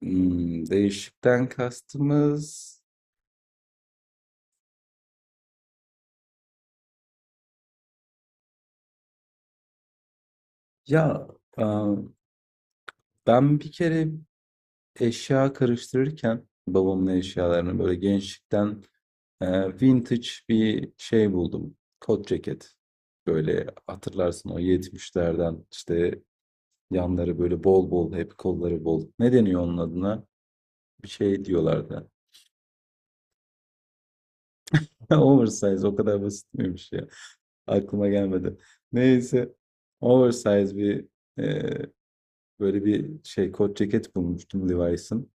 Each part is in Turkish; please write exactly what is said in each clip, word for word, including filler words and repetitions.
Imm, değişikten kastımız ya, aaa, ben bir kere eşya karıştırırken babamın eşyalarını, böyle, gençlikten, eee, vintage bir şey buldum. Kot ceket. Böyle, hatırlarsın o yetmişlerden işte, yanları, böyle, bol bol, hep kolları bol. Ne deniyor onun adına? Bir şey diyorlardı. Oversize o kadar basit miymiş ya? Aklıma gelmedi. Neyse, oversize bir, eee böyle bir şey kot ceket bulmuştum Levi's'ın.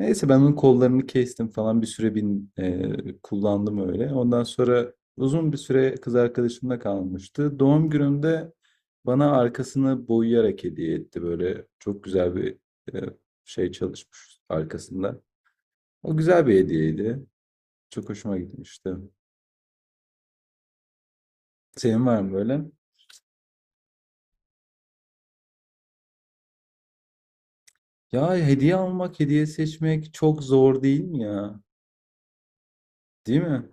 Neyse, ben onun kollarını kestim falan, bir süre bin, e, kullandım öyle. Ondan sonra uzun bir süre kız arkadaşımla kalmıştı. Doğum günümde bana arkasını boyayarak hediye etti. Böyle çok güzel bir e, şey çalışmış arkasında. O güzel bir hediyeydi. Çok hoşuma gitmişti. Senin var mı böyle? Ya hediye almak, hediye seçmek çok zor değil mi ya? Değil mi?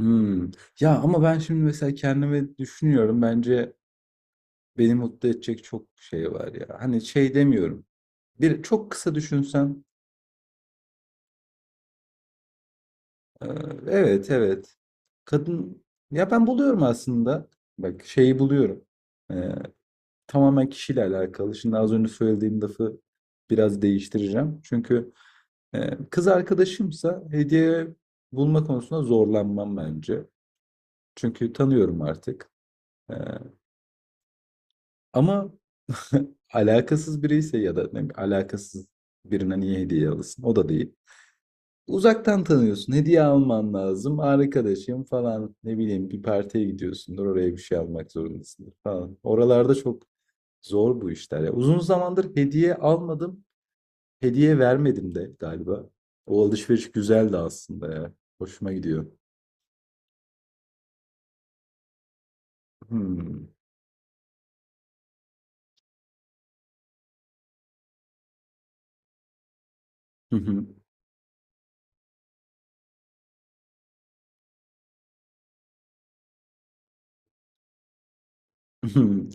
Hımm. Ya, ama ben şimdi mesela kendimi düşünüyorum. Bence beni mutlu edecek çok şey var ya. Hani şey demiyorum. Bir çok kısa düşünsem, eee, evet, evet. Kadın ya, ben buluyorum aslında. Bak, şeyi buluyorum. Eee, Tamamen kişiyle alakalı. Şimdi az önce söylediğim lafı biraz değiştireceğim. Çünkü, eee, kız arkadaşımsa hediye bulma konusunda zorlanmam bence. Çünkü tanıyorum artık. Eee, ama alakasız biri ise ya da ne bileyim, alakasız birine niye hediye alırsın? O da değil. Uzaktan tanıyorsun. Hediye alman lazım. Arkadaşım falan, ne bileyim, bir partiye gidiyorsundur. Oraya bir şey almak zorundasındır falan. Oralarda çok zor bu işler ya. Uzun zamandır hediye almadım. Hediye vermedim de galiba. O alışveriş güzeldi aslında ya. Hoşuma gidiyor. Hmm.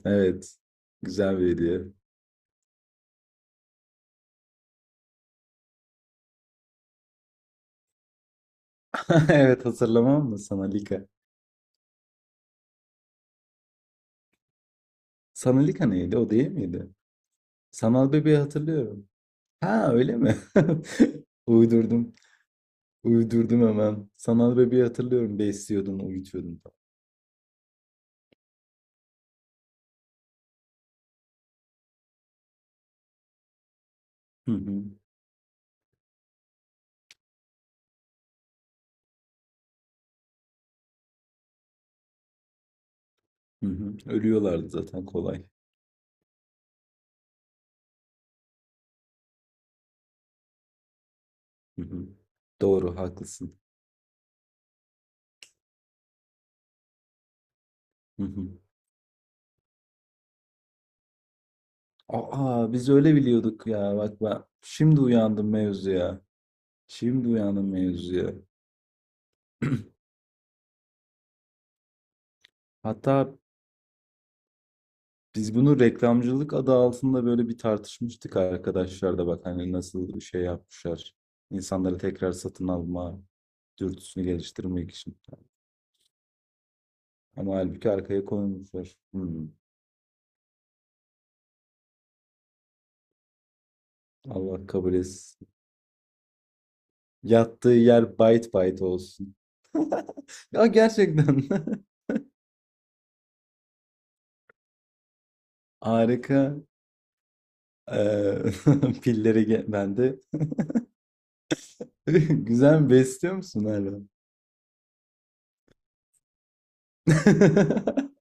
Evet. Güzel bir hediye. Evet, hatırlamam mı sana Lika? Sana neydi? O değil miydi? Sanal Bebeği hatırlıyorum. Ha, öyle mi? Uydurdum. Uydurdum hemen. Sanal Bebeği hatırlıyorum, besliyordum, uyutuyordum. Hı hı. Hı hı. Ölüyorlardı zaten, kolay. Hı hı. Doğru, haklısın. Hı hı. Aa, biz öyle biliyorduk ya. Bak, ben şimdi uyandım mevzuya. Şimdi uyandım mevzuya. Hatta biz bunu reklamcılık adı altında böyle bir tartışmıştık arkadaşlar. Da bak hani, nasıl bir şey yapmışlar. İnsanları tekrar satın alma dürtüsünü geliştirmek için. Ama halbuki arkaya koymuşlar. Hmm, Allah kabul etsin. Yattığı yer bayt bayt olsun. Ya gerçekten harika. Ee, pilleri ge- bende. Güzel, mi besliyor musun hala?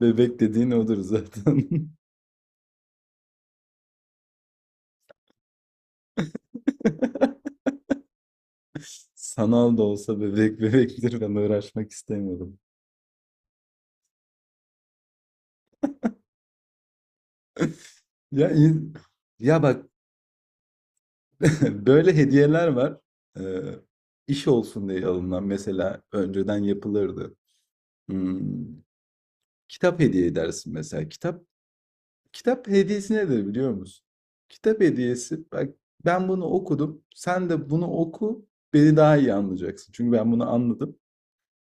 Bebek dediğin odur zaten. Sanal da olsa bebek bebektir, ben uğraşmak istemiyorum. Ya in- Ya bak, böyle hediyeler var. Ee, iş olsun diye alınan, mesela, önceden yapılırdı. Hmm, Kitap hediye edersin mesela. Kitap kitap hediyesi nedir biliyor musun? Kitap hediyesi, bak, ben bunu okudum. Sen de bunu oku. Beni daha iyi anlayacaksın. Çünkü ben bunu anladım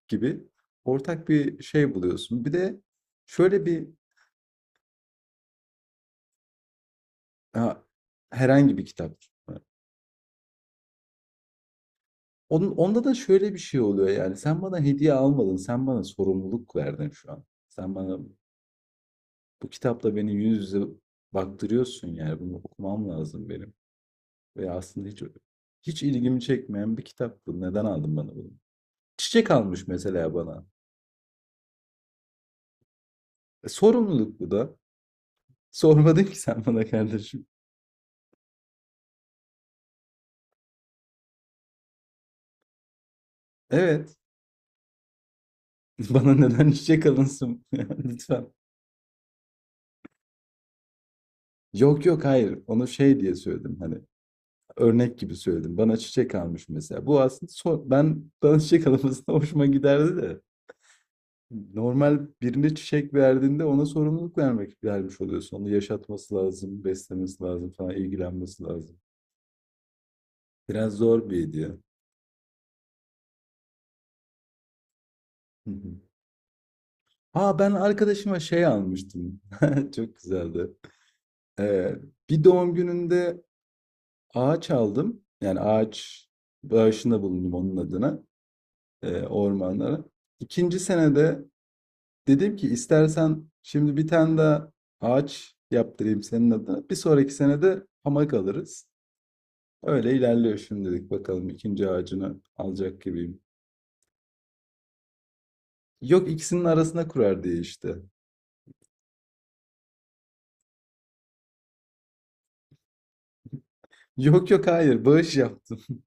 gibi ortak bir şey buluyorsun. Bir de şöyle bir. Ha, herhangi bir kitap. Onun, onda da şöyle bir şey oluyor yani. Sen bana hediye almadın. Sen bana sorumluluk verdin şu an. Sen bana bu kitapla beni yüz yüze baktırıyorsun yani. Bunu okumam lazım benim. Ve aslında hiç hiç ilgimi çekmeyen bir kitap bu. Neden aldın bana bunu? Çiçek almış mesela bana. E, sorumluluk bu da. Sormadın ki sen bana kardeşim. Evet. Bana neden çiçek alınsın? Lütfen. Yok, yok, hayır. Onu şey diye söyledim hani. Örnek gibi söyledim. Bana çiçek almış mesela. Bu aslında son- ben, bana çiçek almasına hoşuma giderdi de. Normal birine çiçek verdiğinde ona sorumluluk vermek vermiş oluyorsun. Onu yaşatması lazım, beslemesi lazım falan, ilgilenmesi lazım. Biraz zor bir hediye. Hı hı. Ha, ben arkadaşıma şey almıştım. Çok güzeldi. Ee, Bir doğum gününde ağaç aldım. Yani ağaç bağışında bulundum onun adına, e, ormanlara. İkinci senede dedim ki, istersen şimdi bir tane daha ağaç yaptırayım senin adına. Bir sonraki sene de hamak alırız. Öyle ilerliyor şimdilik, bakalım, ikinci ağacını alacak gibiyim. Yok, ikisinin arasına kurar diye işte. Yok, yok, hayır, bağış yaptım.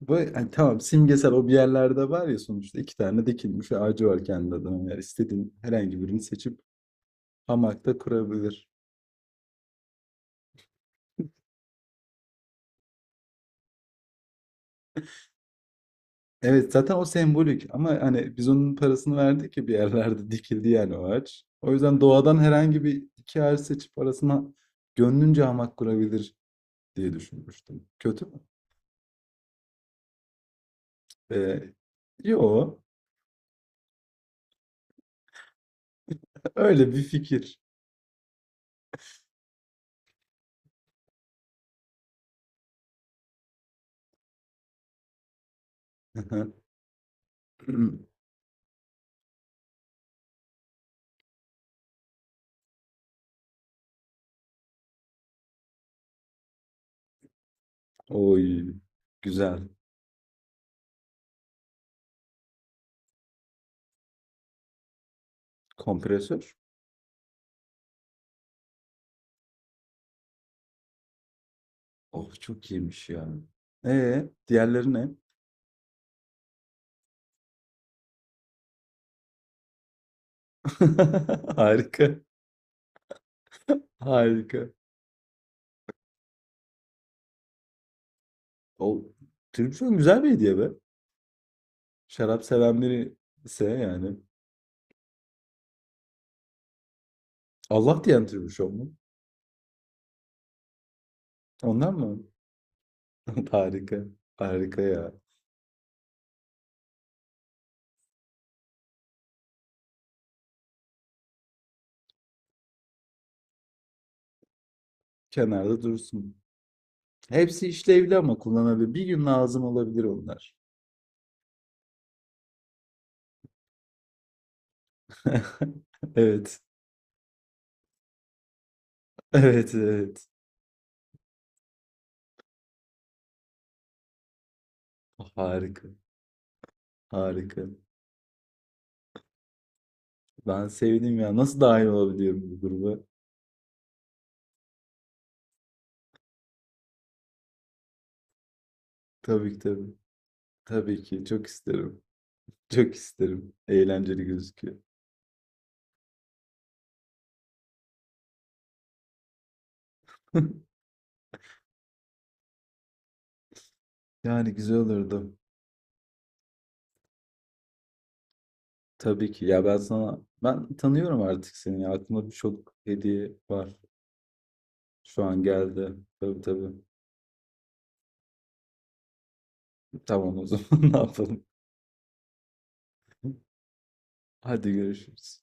Ba- Hani tamam, simgesel, o bir yerlerde var ya sonuçta iki tane dikilmiş ağacı var kendi adına. Yani istediğin herhangi birini seçip hamakta kurabilir. Evet, zaten o sembolik ama hani biz onun parasını verdik ki bir yerlerde dikildi yani o ağaç. O yüzden doğadan herhangi bir iki ağaç seçip arasına gönlünce hamak kurabilir diye düşünmüştüm. Kötü mü? Ee, Yo, öyle bir fikir. Oy güzel. Kompresör. Oh, çok iyiymiş ya. Ee diğerleri ne? Harika. Harika. O, tribüşon güzel bir hediye be. Şarap seven biri ise yani. Allah diyen tür bir şey mu? Ondan mı? Harika. Harika ya. Kenarda dursun. Hepsi işlevli ama kullanabilir. Bir gün lazım olabilir onlar. Evet. Evet, evet. Harika. Harika. Ben sevdim ya. Nasıl dahil olabiliyorum bu gruba? Tabii ki, tabii. Tabii ki. Çok isterim. Çok isterim. Eğlenceli gözüküyor. Yani güzel olurdu. Tabii ki. Ya ben sana ben tanıyorum artık seni. Aklımda birçok hediye var. Şu an geldi. Tabii, tabii. Tamam o zaman, ne yapalım. Hadi görüşürüz.